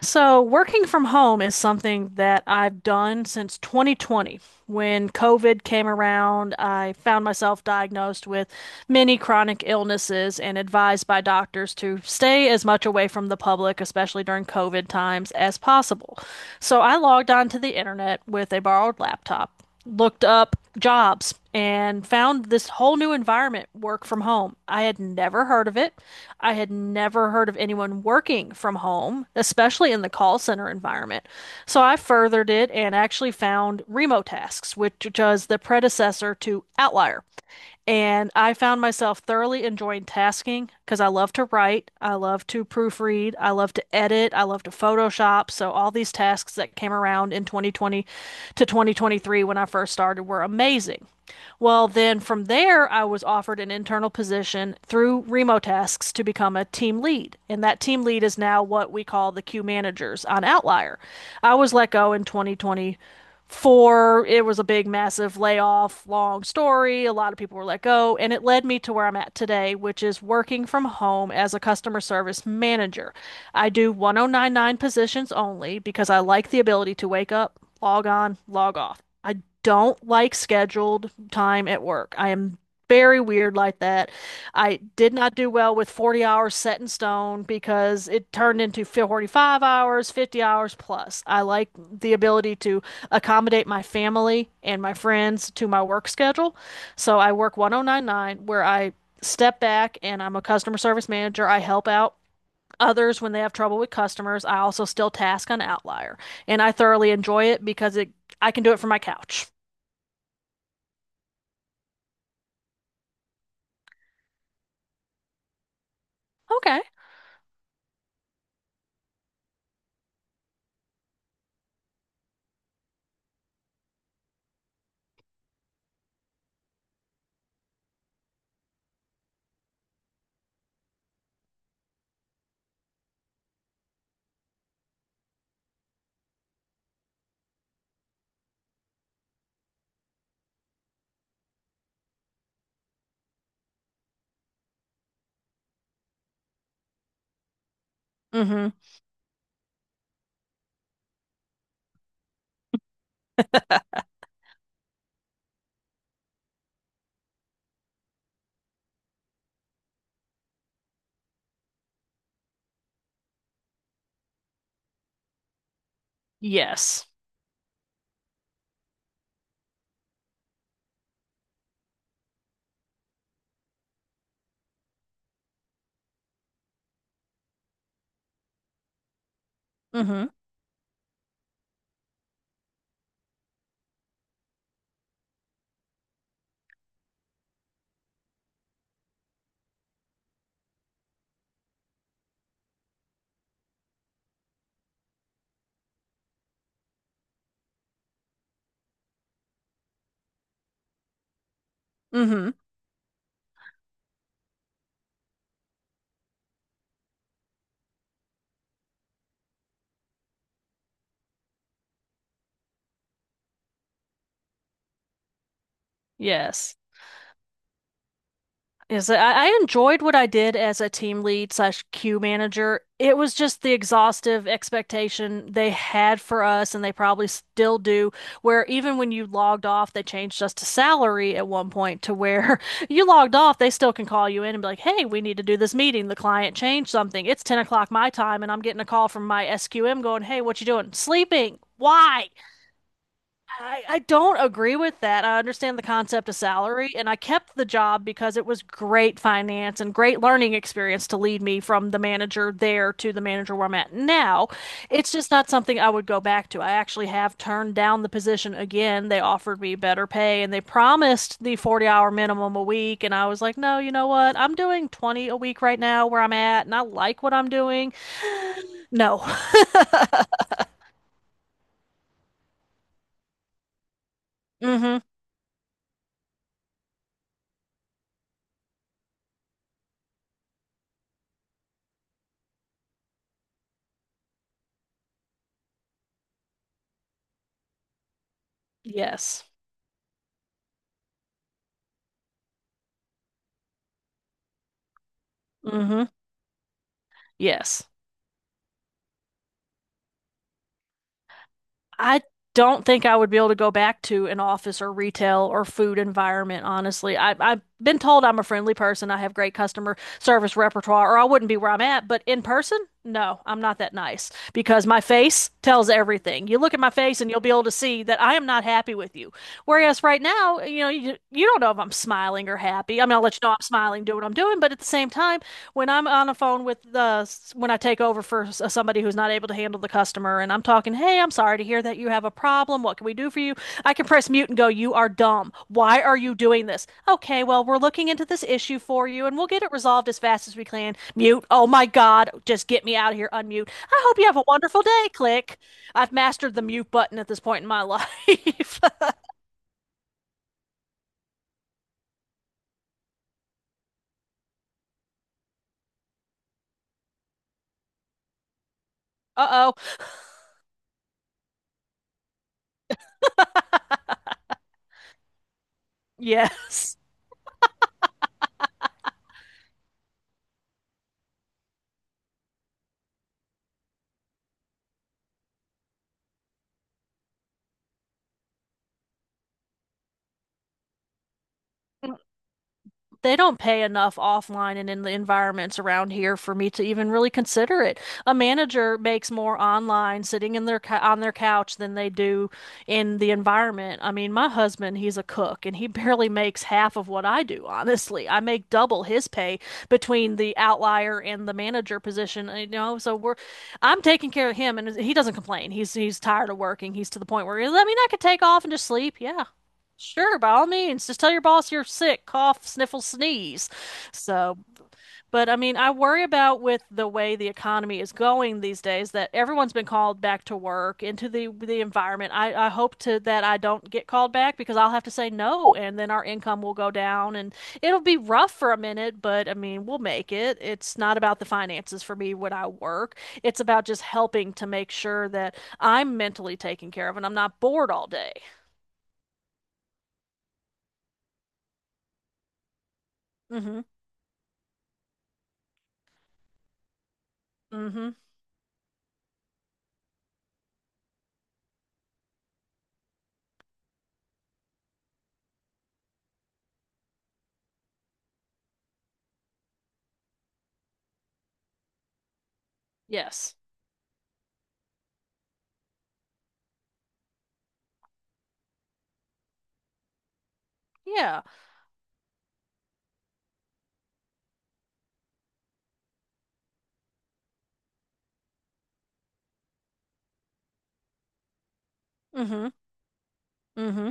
So, working from home is something that I've done since 2020. When COVID came around, I found myself diagnosed with many chronic illnesses and advised by doctors to stay as much away from the public, especially during COVID times, as possible. So, I logged onto the internet with a borrowed laptop, looked up jobs, and found this whole new environment, work from home. I had never heard of it. I had never heard of anyone working from home, especially in the call center environment. So I furthered it and actually found Remotasks, which was the predecessor to Outlier. And I found myself thoroughly enjoying tasking because I love to write, I love to proofread, I love to edit, I love to Photoshop. So all these tasks that came around in 2020 to 2023 when I first started were amazing. Well, then from there, I was offered an internal position through Remo Tasks to become a team lead. And that team lead is now what we call the queue managers on Outlier. I was let go in 2020. For it was a big, massive layoff, long story. A lot of people were let go, and it led me to where I'm at today, which is working from home as a customer service manager. I do 1099 positions only because I like the ability to wake up, log on, log off. I don't like scheduled time at work. I am very weird like that. I did not do well with 40 hours set in stone because it turned into 45 hours, 50 hours plus. I like the ability to accommodate my family and my friends to my work schedule. So I work 1099 where I step back and I'm a customer service manager. I help out others when they have trouble with customers. I also still task on Outlier and I thoroughly enjoy it because it I can do it from my couch. Okay. Mm-hmm. Yes. Mm-hmm. Mm-hmm. Yes. Is that I enjoyed what I did as a team lead slash queue manager. It was just the exhaustive expectation they had for us, and they probably still do, where even when you logged off, they changed us to salary at one point to where you logged off, they still can call you in and be like, hey, we need to do this meeting. The client changed something. It's 10 o'clock my time, and I'm getting a call from my SQM going, hey, what you doing? Sleeping. Why? I don't agree with that. I understand the concept of salary, and I kept the job because it was great finance and great learning experience to lead me from the manager there to the manager where I'm at now. It's just not something I would go back to. I actually have turned down the position again. They offered me better pay and they promised the 40-hour minimum a week. And I was like, no, you know what? I'm doing 20 a week right now where I'm at, and I like what I'm doing. No. Mm-hmm. Yes. Mm-hmm. Yes. I don't think I would be able to go back to an office or retail or food environment, honestly. I've been told I'm a friendly person. I have great customer service repertoire, or I wouldn't be where I'm at. But in person, no, I'm not that nice because my face tells everything. You look at my face and you'll be able to see that I am not happy with you. Whereas right now, you know, you don't know if I'm smiling or happy. I mean, I'll let you know I'm smiling, do what I'm doing, but at the same time, when I'm on a phone with the when I take over for somebody who's not able to handle the customer and I'm talking, "Hey, I'm sorry to hear that you have a problem. What can we do for you?" I can press mute and go, "You are dumb. Why are you doing this?" "Okay, well, we're looking into this issue for you and we'll get it resolved as fast as we can." Mute. "Oh my God, just get me out of here. Unmute. I hope you have a wonderful day." Click. I've mastered the mute button at this point in my life. Uh-oh. Yes. They don't pay enough offline and in the environments around here for me to even really consider it. A manager makes more online sitting in their on their couch than they do in the environment. I mean, my husband, he's a cook and he barely makes half of what I do, honestly. I make double his pay between the outlier and the manager position, you know, so we're I'm taking care of him and he doesn't complain. He's tired of working. He's to the point where he's, I mean, I could take off and just sleep. Yeah. Sure, by all means, just tell your boss you're sick, cough, sniffle, sneeze. So, but I mean, I worry about with the way the economy is going these days that everyone's been called back to work into the environment. I hope to that I don't get called back because I'll have to say no, and then our income will go down, and it'll be rough for a minute, but I mean, we'll make it. It's not about the finances for me when I work. It's about just helping to make sure that I'm mentally taken care of and I'm not bored all day. Mm-hmm. Mm-hmm. Yes. Yeah. Mm-hmm. Mm-hmm.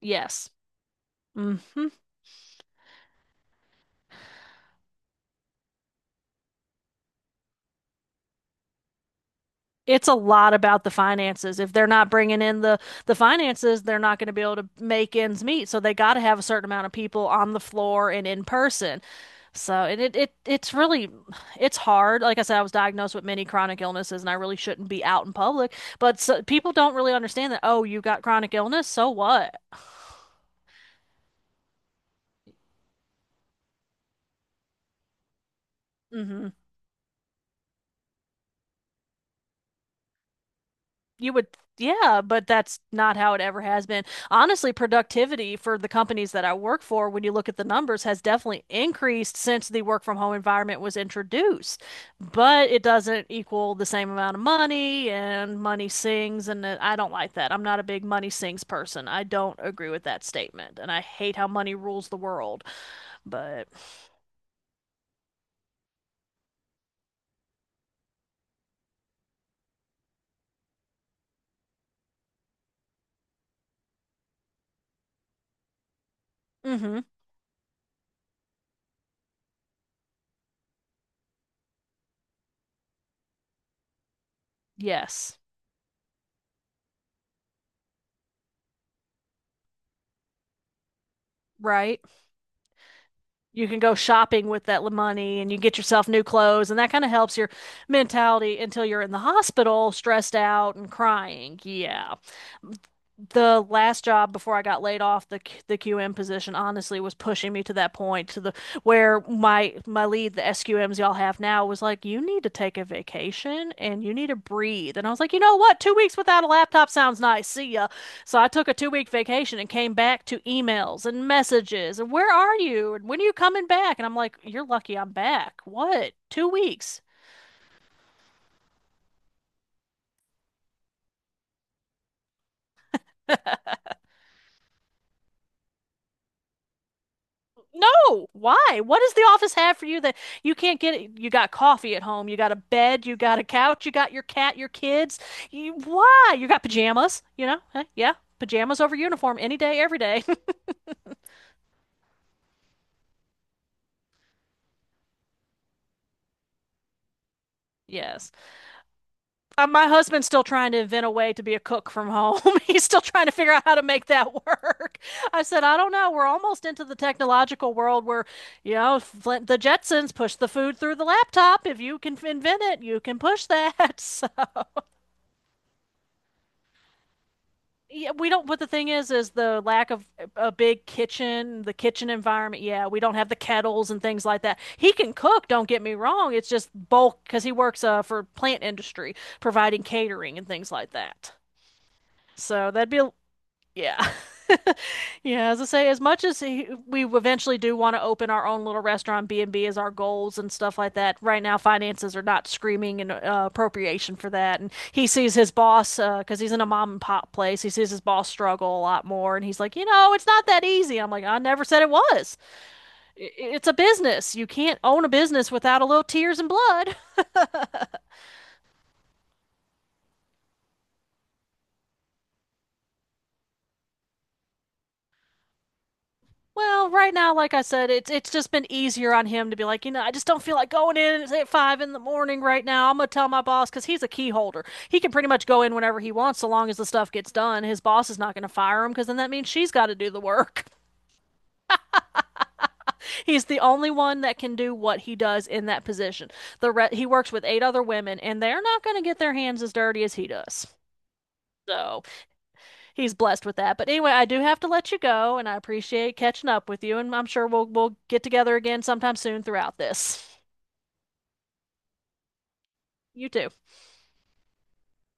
Yes. Mm-hmm. It's a lot about the finances. If they're not bringing in the finances, they're not going to be able to make ends meet. So they got to have a certain amount of people on the floor and in person. So and it it's really it's hard. Like I said, I was diagnosed with many chronic illnesses, and I really shouldn't be out in public. But so, people don't really understand that. Oh, you got chronic illness, so what? Mm-hmm. You would, yeah, but that's not how it ever has been. Honestly, productivity for the companies that I work for, when you look at the numbers, has definitely increased since the work from home environment was introduced. But it doesn't equal the same amount of money, and money sings, and I don't like that. I'm not a big money sings person. I don't agree with that statement, and I hate how money rules the world. But, mm-hmm, yes, right. You can go shopping with that money and you get yourself new clothes and that kind of helps your mentality until you're in the hospital stressed out and crying. Yeah. The last job before I got laid off, the QM position honestly was pushing me to that point to the where my lead, the SQMs y'all have now, was like, you need to take a vacation and you need to breathe. And I was like, you know what? 2 weeks without a laptop sounds nice. See ya. So I took a 2 week vacation and came back to emails and messages and where are you? And when are you coming back? And I'm like, you're lucky I'm back. What? 2 weeks? No. Why? What does the office have for you that you can't get it? You got coffee at home, you got a bed, you got a couch, you got your cat, your kids. You, why? You got pajamas, you know? Huh? Yeah. Pajamas over uniform any day, every day. Yes. My husband's still trying to invent a way to be a cook from home. He's still trying to figure out how to make that work. I said, I don't know. We're almost into the technological world where, you know, Flint, the Jetsons push the food through the laptop. If you can invent it, you can push that. So, yeah, we don't. But the thing is the lack of a big kitchen, the kitchen environment. Yeah, we don't have the kettles and things like that. He can cook. Don't get me wrong. It's just bulk because he works for plant industry, providing catering and things like that. So that'd be a, yeah. Yeah, as I say, as much as he, we eventually do want to open our own little restaurant, B&B is our goals and stuff like that. Right now, finances are not screaming in appropriation for that. And he sees his boss, because he's in a mom and pop place, he sees his boss struggle a lot more. And he's like, you know, it's not that easy. I'm like, I never said it was. It's a business. You can't own a business without a little tears and blood. Well, right now, like I said, it's just been easier on him to be like, you know, I just don't feel like going in at 5 in the morning right now. I'm gonna tell my boss because he's a key holder. He can pretty much go in whenever he wants, so long as the stuff gets done. His boss is not gonna fire him because then that means she's got to do the work. He's the only one that can do what he does in that position. The re he works with eight other women, and they're not gonna get their hands as dirty as he does. So he's blessed with that. But anyway, I do have to let you go, and I appreciate catching up with you, and I'm sure we'll get together again sometime soon throughout this. You too.